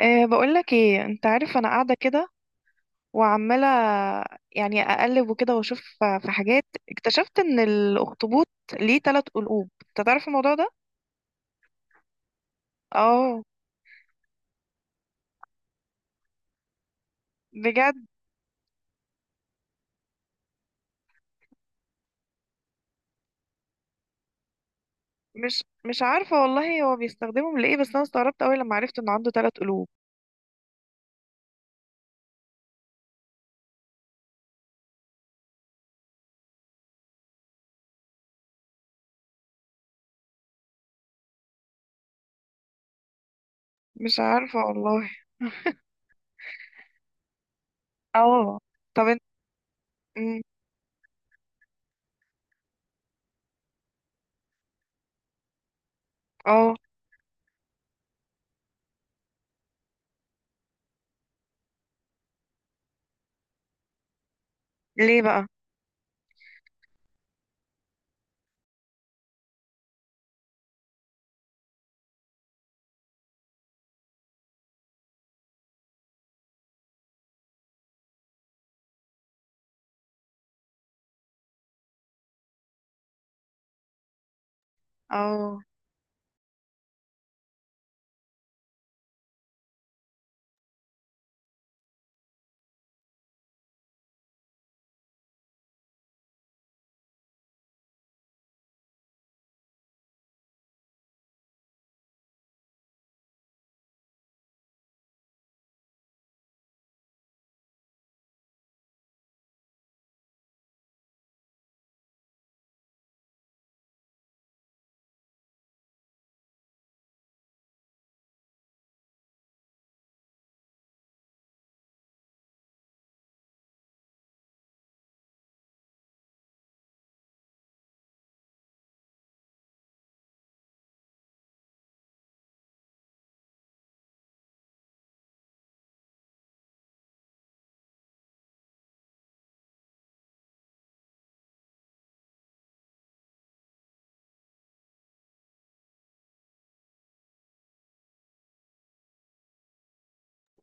بقولك ايه، انت عارف انا قاعدة كده وعمالة يعني اقلب وكده، واشوف في حاجات. اكتشفت ان الاخطبوط ليه تلات قلوب، انت تعرف الموضوع ده؟ اه بجد. مش عارفة والله، هو بيستخدمهم لايه، بس انا استغربت اوي لما عرفت انه عنده تلات قلوب. مش عارفة والله. اه. طب انت. مم. اه. ليه بقى؟ اه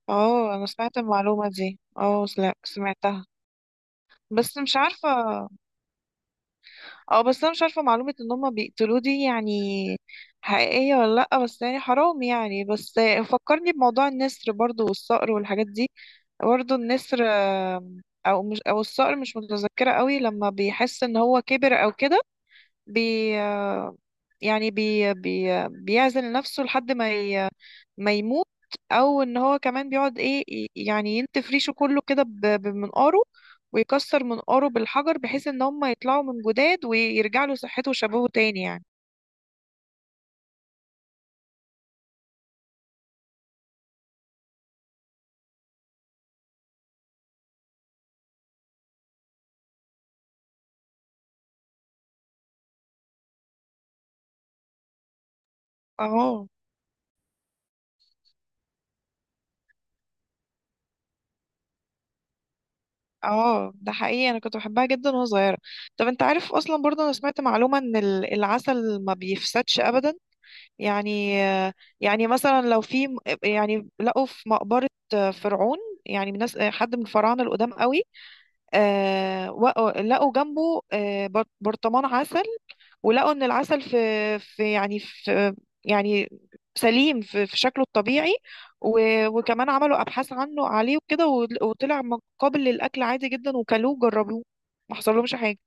اه، انا سمعت المعلومة دي. اه لا، سمعتها. بس مش عارفة. اه، بس انا مش عارفه معلومه ان هم بيقتلوه دي، يعني حقيقيه ولا لا؟ بس يعني حرام يعني بس. فكرني بموضوع النسر برضو والصقر والحاجات دي. برضو النسر، او مش او الصقر، مش متذكره قوي لما بيحس ان هو كبر او كده. بي آه، يعني بي بي بيعزل نفسه لحد ما ما يموت. او ان هو كمان بيقعد ايه، يعني ينتف ريشه كله كده بمنقاره، ويكسر منقاره بالحجر بحيث ان هم يطلعوا من جداد ويرجع له صحته وشبابه تاني يعني. اه اه، ده حقيقي، انا كنت بحبها جدا وانا صغيره. طب انت عارف اصلا برضه، انا سمعت معلومه ان العسل ما بيفسدش ابدا. يعني مثلا لو في يعني لقوا في مقبره فرعون، يعني من ناس حد من الفراعنه القدام قوي. لقوا جنبه برطمان عسل. ولقوا ان العسل في يعني في يعني سليم في شكله الطبيعي. وكمان عملوا ابحاث عنه عليه وكده، وطلع قابل للاكل عادي جدا، وكلوه وجربوه، ما حصلهمش حاجه.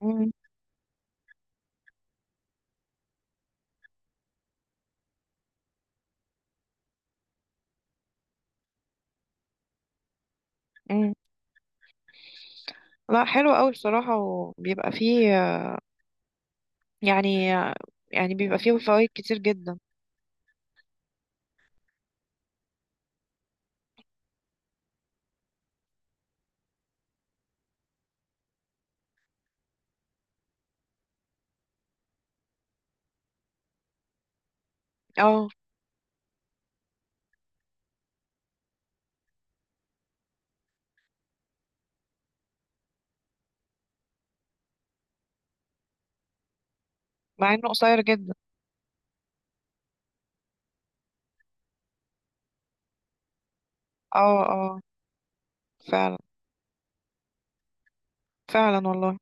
مم. مم. لا حلو قوي بصراحه، وبيبقى فيه يعني، بيبقى فيه فوائد كتير جدا. اه، مع انه قصير جدا. اه اه، فعلا، فعلا والله.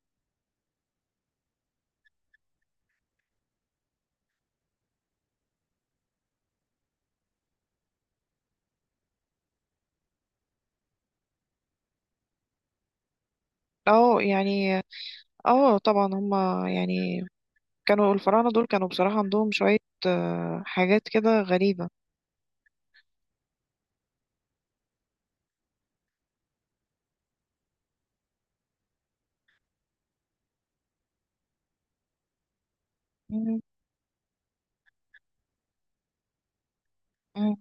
اه يعني. اه طبعا هما يعني، كانوا الفراعنة دول كانوا بصراحة عندهم شوية حاجات كده غريبة. مم. مم.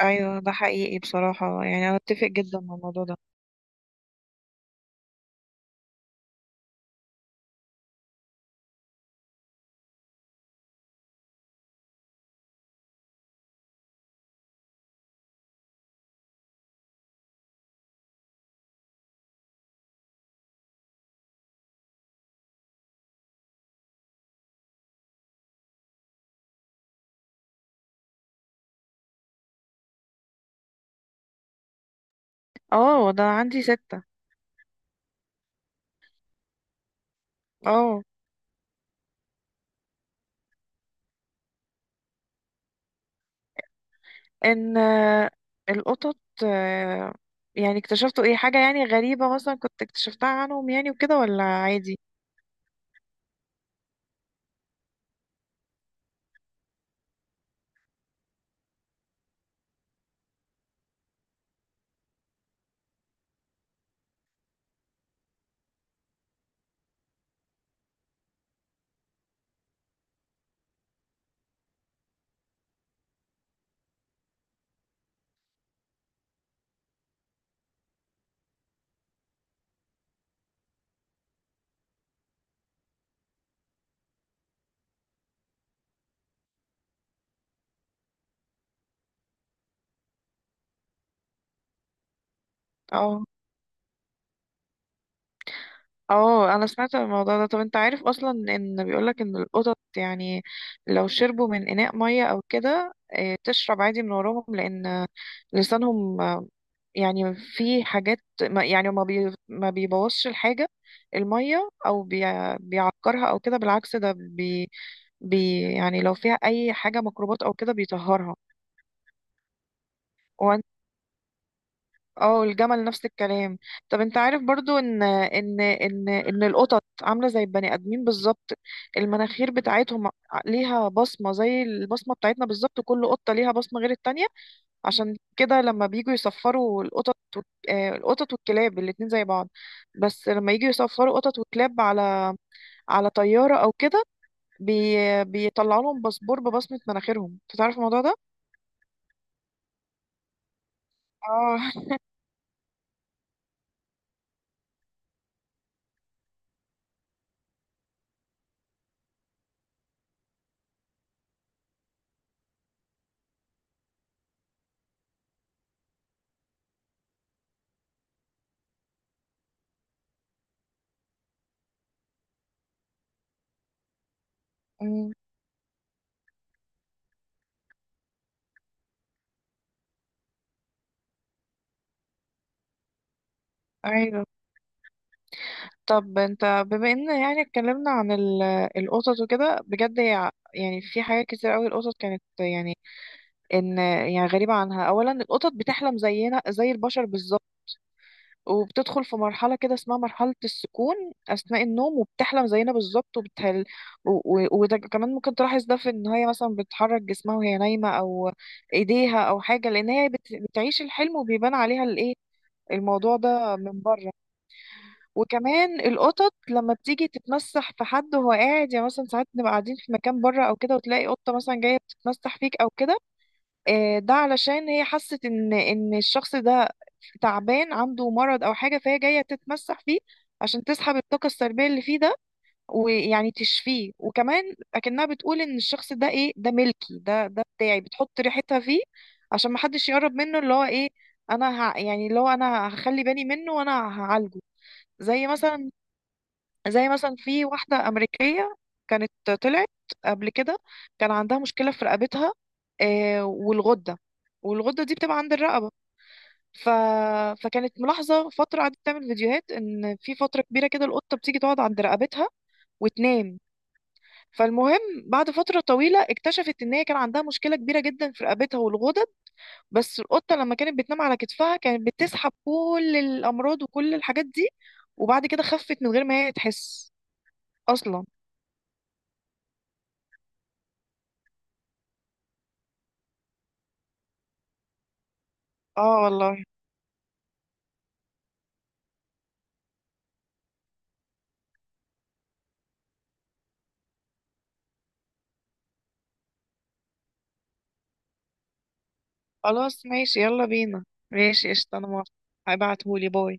ايوه، ده حقيقي بصراحة، يعني انا اتفق جدا مع الموضوع ده. اه، ده عندي ستة. اه، ان القطط آه، يعني اكتشفتوا ايه حاجة يعني غريبة مثلا كنت اكتشفتها عنهم، يعني وكده ولا عادي؟ اه اه، انا سمعت عن الموضوع ده. طب انت عارف اصلا ان بيقولك ان القطط يعني لو شربوا من اناء ميه او كده، تشرب عادي من وراهم، لان لسانهم، يعني في حاجات ما، يعني ما بيبوظش الحاجه، الميه، او بيعكرها او كده، بالعكس ده بي بي يعني لو فيها اي حاجه ميكروبات او كده بيطهرها. اه الجمل نفس الكلام. طب انت عارف برضو ان القطط عامله زي البني ادمين بالظبط. المناخير بتاعتهم ليها بصمه زي البصمه بتاعتنا بالظبط، كل قطه ليها بصمه غير التانية. عشان كده لما بيجوا يصفروا القطط القطط والكلاب الاتنين زي بعض. بس لما يجوا يصفروا قطط وكلاب على طياره او كده، بي بيطلعوا لهم باسبور ببصمه مناخيرهم، انت تعرف الموضوع ده؟ اه أمم، ايوه. طب انت بما ان يعني اتكلمنا عن القطط وكده، بجد هي يعني في حاجات كتير قوي القطط كانت يعني، ان يعني غريبة عنها. اولا، القطط بتحلم زينا زي البشر بالظبط، وبتدخل في مرحلة كده اسمها مرحلة السكون اثناء النوم، وبتحلم زينا بالظبط وبتهل. و- وده كمان ممكن تلاحظ ده في ان هي مثلا بتحرك جسمها وهي نايمة، او ايديها او حاجة، لان هي بتعيش الحلم، وبيبان عليها الايه، الموضوع ده من بره. وكمان القطط لما بتيجي تتمسح في حد وهو قاعد، يعني مثلا ساعات نبقى قاعدين في مكان بره او كده، وتلاقي قطه مثلا جايه بتتمسح فيك او كده، ده علشان هي حست ان الشخص ده تعبان، عنده مرض او حاجه، فهي جايه تتمسح فيه عشان تسحب الطاقه السلبيه اللي فيه ده، ويعني تشفيه. وكمان اكنها بتقول ان الشخص ده ايه، ده ملكي، ده بتاعي، بتحط ريحتها فيه عشان ما حدش يقرب منه، اللي هو ايه، يعني اللي هو انا هخلي بالي منه وانا هعالجه. زي مثلا زي مثلا في واحدة أمريكية كانت طلعت قبل كده، كان عندها مشكلة في رقبتها، والغدة، والغدة دي بتبقى عند الرقبة. ف... فكانت ملاحظة فترة، قعدت تعمل فيديوهات إن في فترة كبيرة كده القطة بتيجي تقعد عند رقبتها وتنام. فالمهم، بعد فترة طويلة اكتشفت إن هي كان عندها مشكلة كبيرة جدا في رقبتها والغدد، بس القطة لما كانت بتنام على كتفها كانت بتسحب كل الأمراض وكل الحاجات دي. وبعد كده خفت من غير ما هي تحس أصلا. اه والله. خلاص ماشي، يلا بينا. ماشي قشطة، انا موافقة. هبعتهولي، باي.